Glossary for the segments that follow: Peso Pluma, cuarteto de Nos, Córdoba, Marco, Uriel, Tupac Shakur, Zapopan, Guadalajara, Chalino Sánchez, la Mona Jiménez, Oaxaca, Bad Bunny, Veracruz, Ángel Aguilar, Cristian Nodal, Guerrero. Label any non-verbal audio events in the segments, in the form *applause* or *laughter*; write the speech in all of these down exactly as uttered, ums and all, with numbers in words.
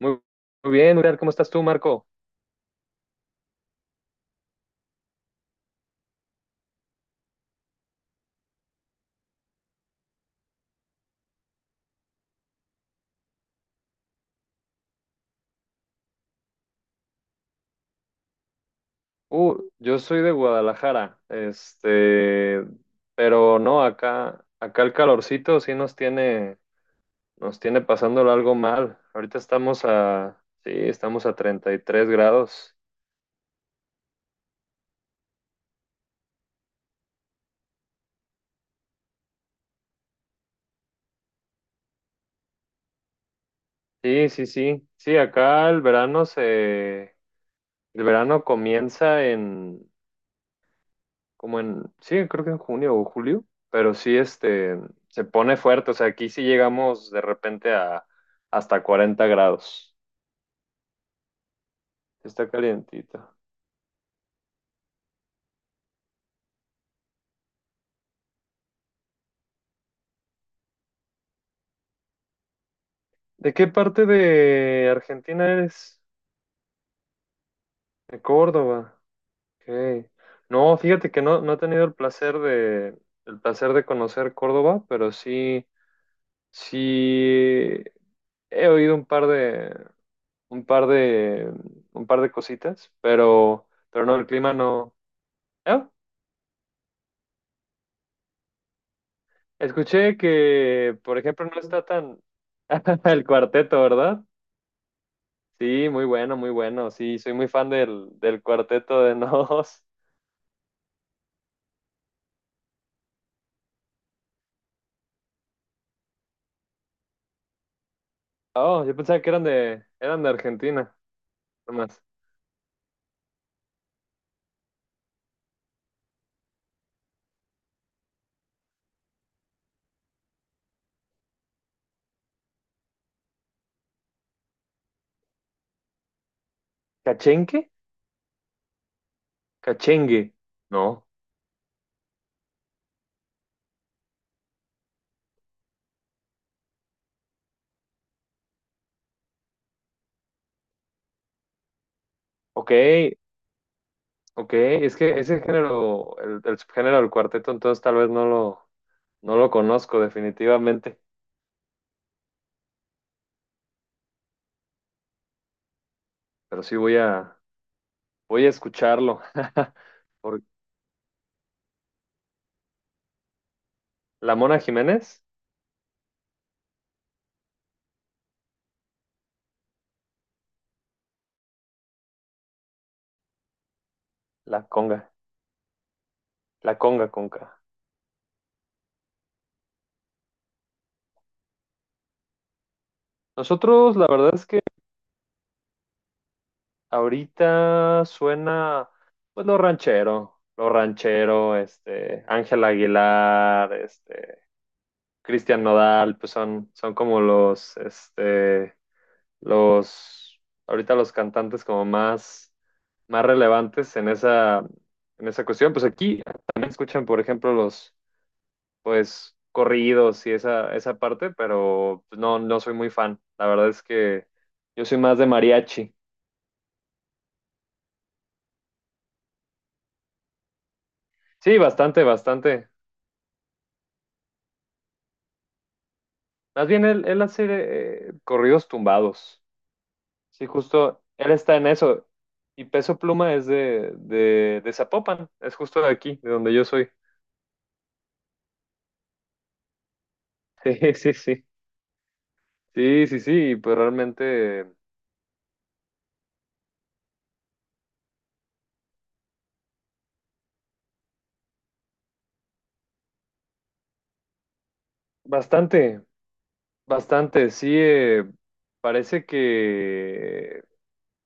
Muy, muy bien, Uriel, ¿cómo estás tú, Marco? Uh, yo soy de Guadalajara, este, pero no, acá, acá el calorcito sí nos tiene, nos tiene pasándolo algo mal. Ahorita estamos a, sí, estamos a treinta y tres grados. Sí, sí, sí, sí, acá el verano se, el verano comienza en, como en, sí, creo que en junio o julio, pero sí, este, se pone fuerte, o sea, aquí sí llegamos de repente a hasta cuarenta grados. Está calientita. ¿De qué parte de Argentina eres? De Córdoba. Ok. No, fíjate que no, no he tenido el placer de, el placer de conocer Córdoba, pero sí, sí he oído un par de, un par de, un par de cositas, pero, pero no, el clima no. Ah, escuché que, por ejemplo, no está tan *laughs* el cuarteto, ¿verdad? Sí, muy bueno, muy bueno. Sí, soy muy fan del, del cuarteto de Nos. Oh, yo pensaba que eran de, eran de Argentina, nomás. ¿Cachenque? Cachengue. No. Ok, ok. Es que ese género, el, el subgénero del cuarteto, entonces tal vez no lo, no lo conozco definitivamente, pero sí voy a, voy a escucharlo. *laughs* Por, la Mona Jiménez, la conga, la conga conca. Nosotros, la verdad es que ahorita suena, pues lo ranchero, lo ranchero, este, Ángel Aguilar, este. Cristian Nodal, pues son, son como los, este, los, ahorita los cantantes como más, más relevantes en esa, en esa cuestión. Pues aquí también escuchan, por ejemplo, los, pues, corridos y esa, esa parte, pero pues, no, no soy muy fan. La verdad es que yo soy más de mariachi. Sí, bastante, bastante. Más bien él, él hace eh, corridos tumbados. Sí, justo, él está en eso. Y Peso Pluma es de, de, de Zapopan, es justo de aquí, de donde yo soy. *laughs* Sí, sí, sí. Sí, sí, sí, pues realmente bastante, bastante. Sí, eh, parece que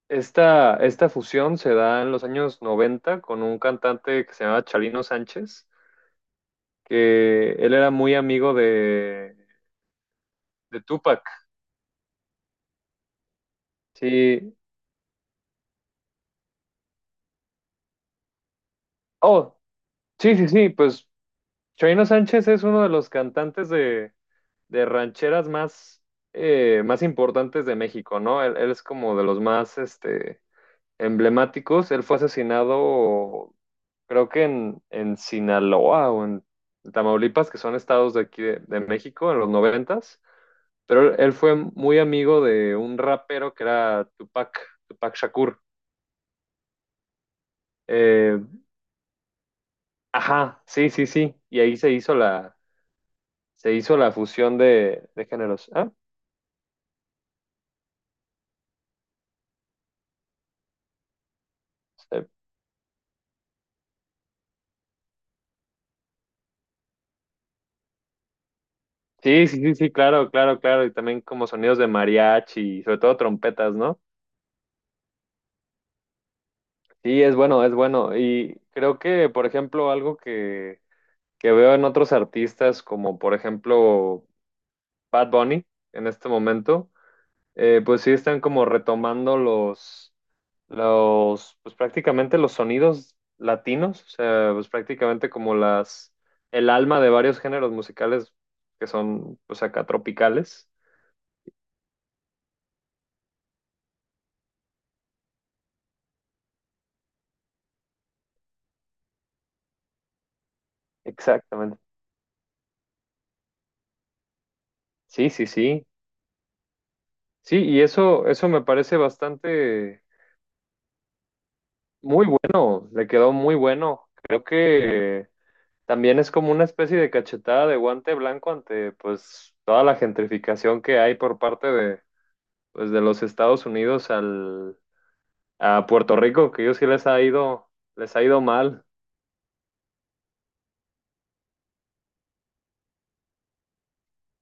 esta, esta fusión se da en los años noventa con un cantante que se llamaba Chalino Sánchez, que él era muy amigo de, de Tupac. Sí. Oh, sí, sí, sí, pues Choino Sánchez es uno de los cantantes de, de rancheras más, eh, más importantes de México, ¿no? Él, él es como de los más este, emblemáticos. Él fue asesinado, creo que en, en Sinaloa o en Tamaulipas, que son estados de aquí de, de México, en los noventas. Pero él fue muy amigo de un rapero que era Tupac, Tupac Shakur. Eh, ajá, sí, sí, sí. Y ahí se hizo la, se hizo la fusión de, de géneros. Ah, sí, sí, sí, sí, claro, claro, claro. Y también como sonidos de mariachi, y sobre todo trompetas, ¿no? Sí, es bueno, es bueno. Y creo que, por ejemplo, algo que, que veo en otros artistas, como por ejemplo Bad Bunny, en este momento, eh, pues sí están como retomando los, los, pues prácticamente los sonidos latinos, o sea, pues prácticamente como las, el alma de varios géneros musicales que son, pues acá tropicales. Exactamente. Sí, sí, sí. Sí, y eso, eso me parece bastante muy bueno, le quedó muy bueno. Creo que también es como una especie de cachetada de guante blanco ante pues toda la gentrificación que hay por parte de pues de los Estados Unidos al a Puerto Rico, que ellos sí les ha ido, les ha ido mal.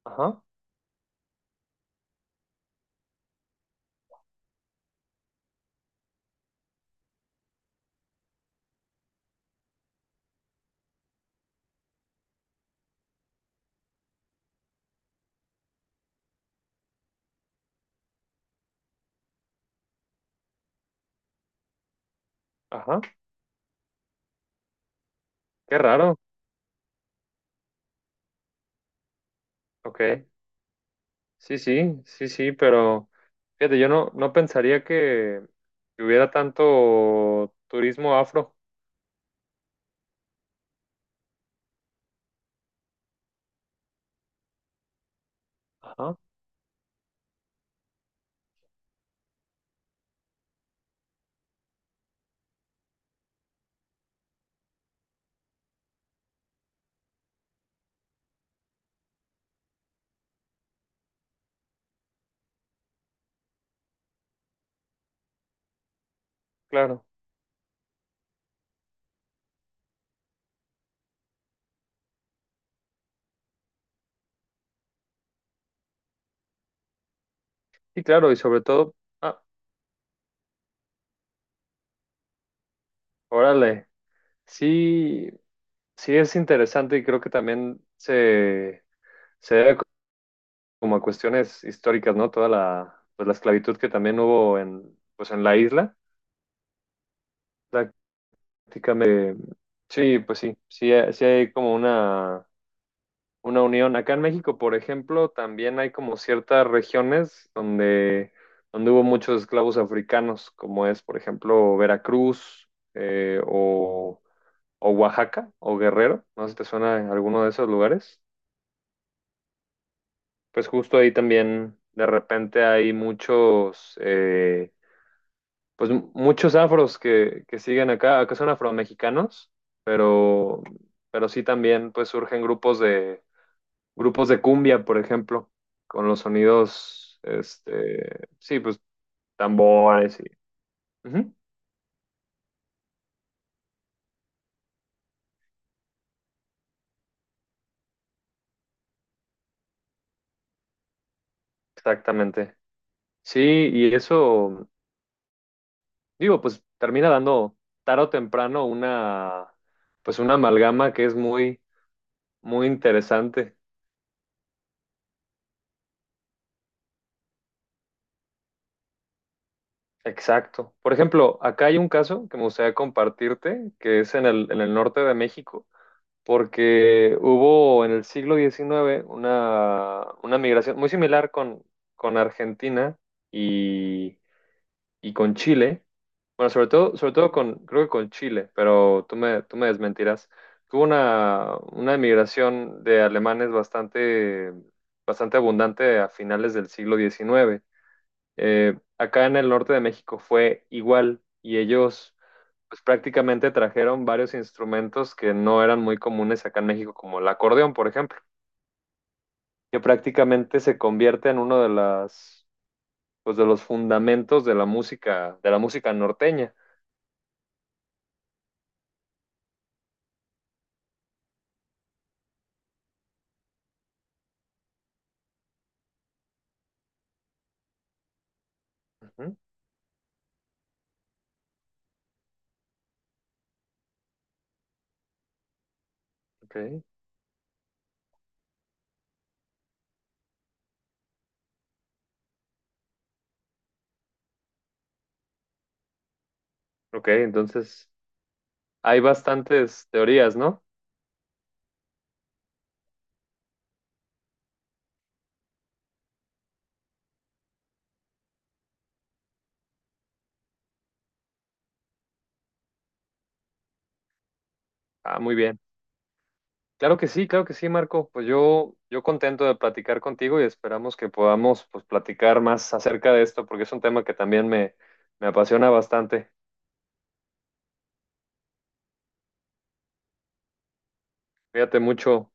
Ajá, ajá, qué raro. Ok. Sí, sí, sí, sí, pero fíjate, yo no, no pensaría que que hubiera tanto turismo afro. Ajá, claro. Sí, claro, y sobre todo, ah, órale, sí, sí es interesante y creo que también se, se debe como a cuestiones históricas, ¿no? Toda la, pues la esclavitud que también hubo en, pues en la isla, prácticamente, sí, pues sí, sí, eh, sí hay como una, una unión. Acá en México, por ejemplo, también hay como ciertas regiones donde, donde hubo muchos esclavos africanos, como es, por ejemplo, Veracruz, eh, o o Oaxaca o Guerrero, no sé si te suena alguno de esos lugares. Pues justo ahí también de repente hay muchos, eh, pues m- muchos afros que, que siguen acá, acá, son afromexicanos, pero, pero sí también pues surgen grupos de, grupos de cumbia, por ejemplo, con los sonidos, este, sí, pues tambores y... Ujú, exactamente. Sí, y eso, digo, pues termina dando tarde o temprano una, pues una amalgama que es muy, muy interesante. Exacto. Por ejemplo, acá hay un caso que me gustaría compartirte, que es en el, en el norte de México, porque hubo en el siglo diecinueve una, una migración muy similar con, con Argentina y, y con Chile. Bueno, sobre todo, sobre todo con, creo que con Chile, pero tú me, tú me desmentirás. Tuvo una, una emigración de alemanes bastante, bastante abundante a finales del siglo diecinueve. Eh, acá en el norte de México fue igual y ellos pues, prácticamente trajeron varios instrumentos que no eran muy comunes acá en México, como el acordeón, por ejemplo, que prácticamente se convierte en uno de las, pues, de los fundamentos de la música, de la música norteña. Ujú, ok. Ok, entonces hay bastantes teorías, ¿no? Ah, muy bien. Claro que sí, claro que sí, Marco. Pues yo, yo contento de platicar contigo y esperamos que podamos pues, platicar más acerca de esto porque es un tema que también me, me apasiona bastante. Cuídate mucho.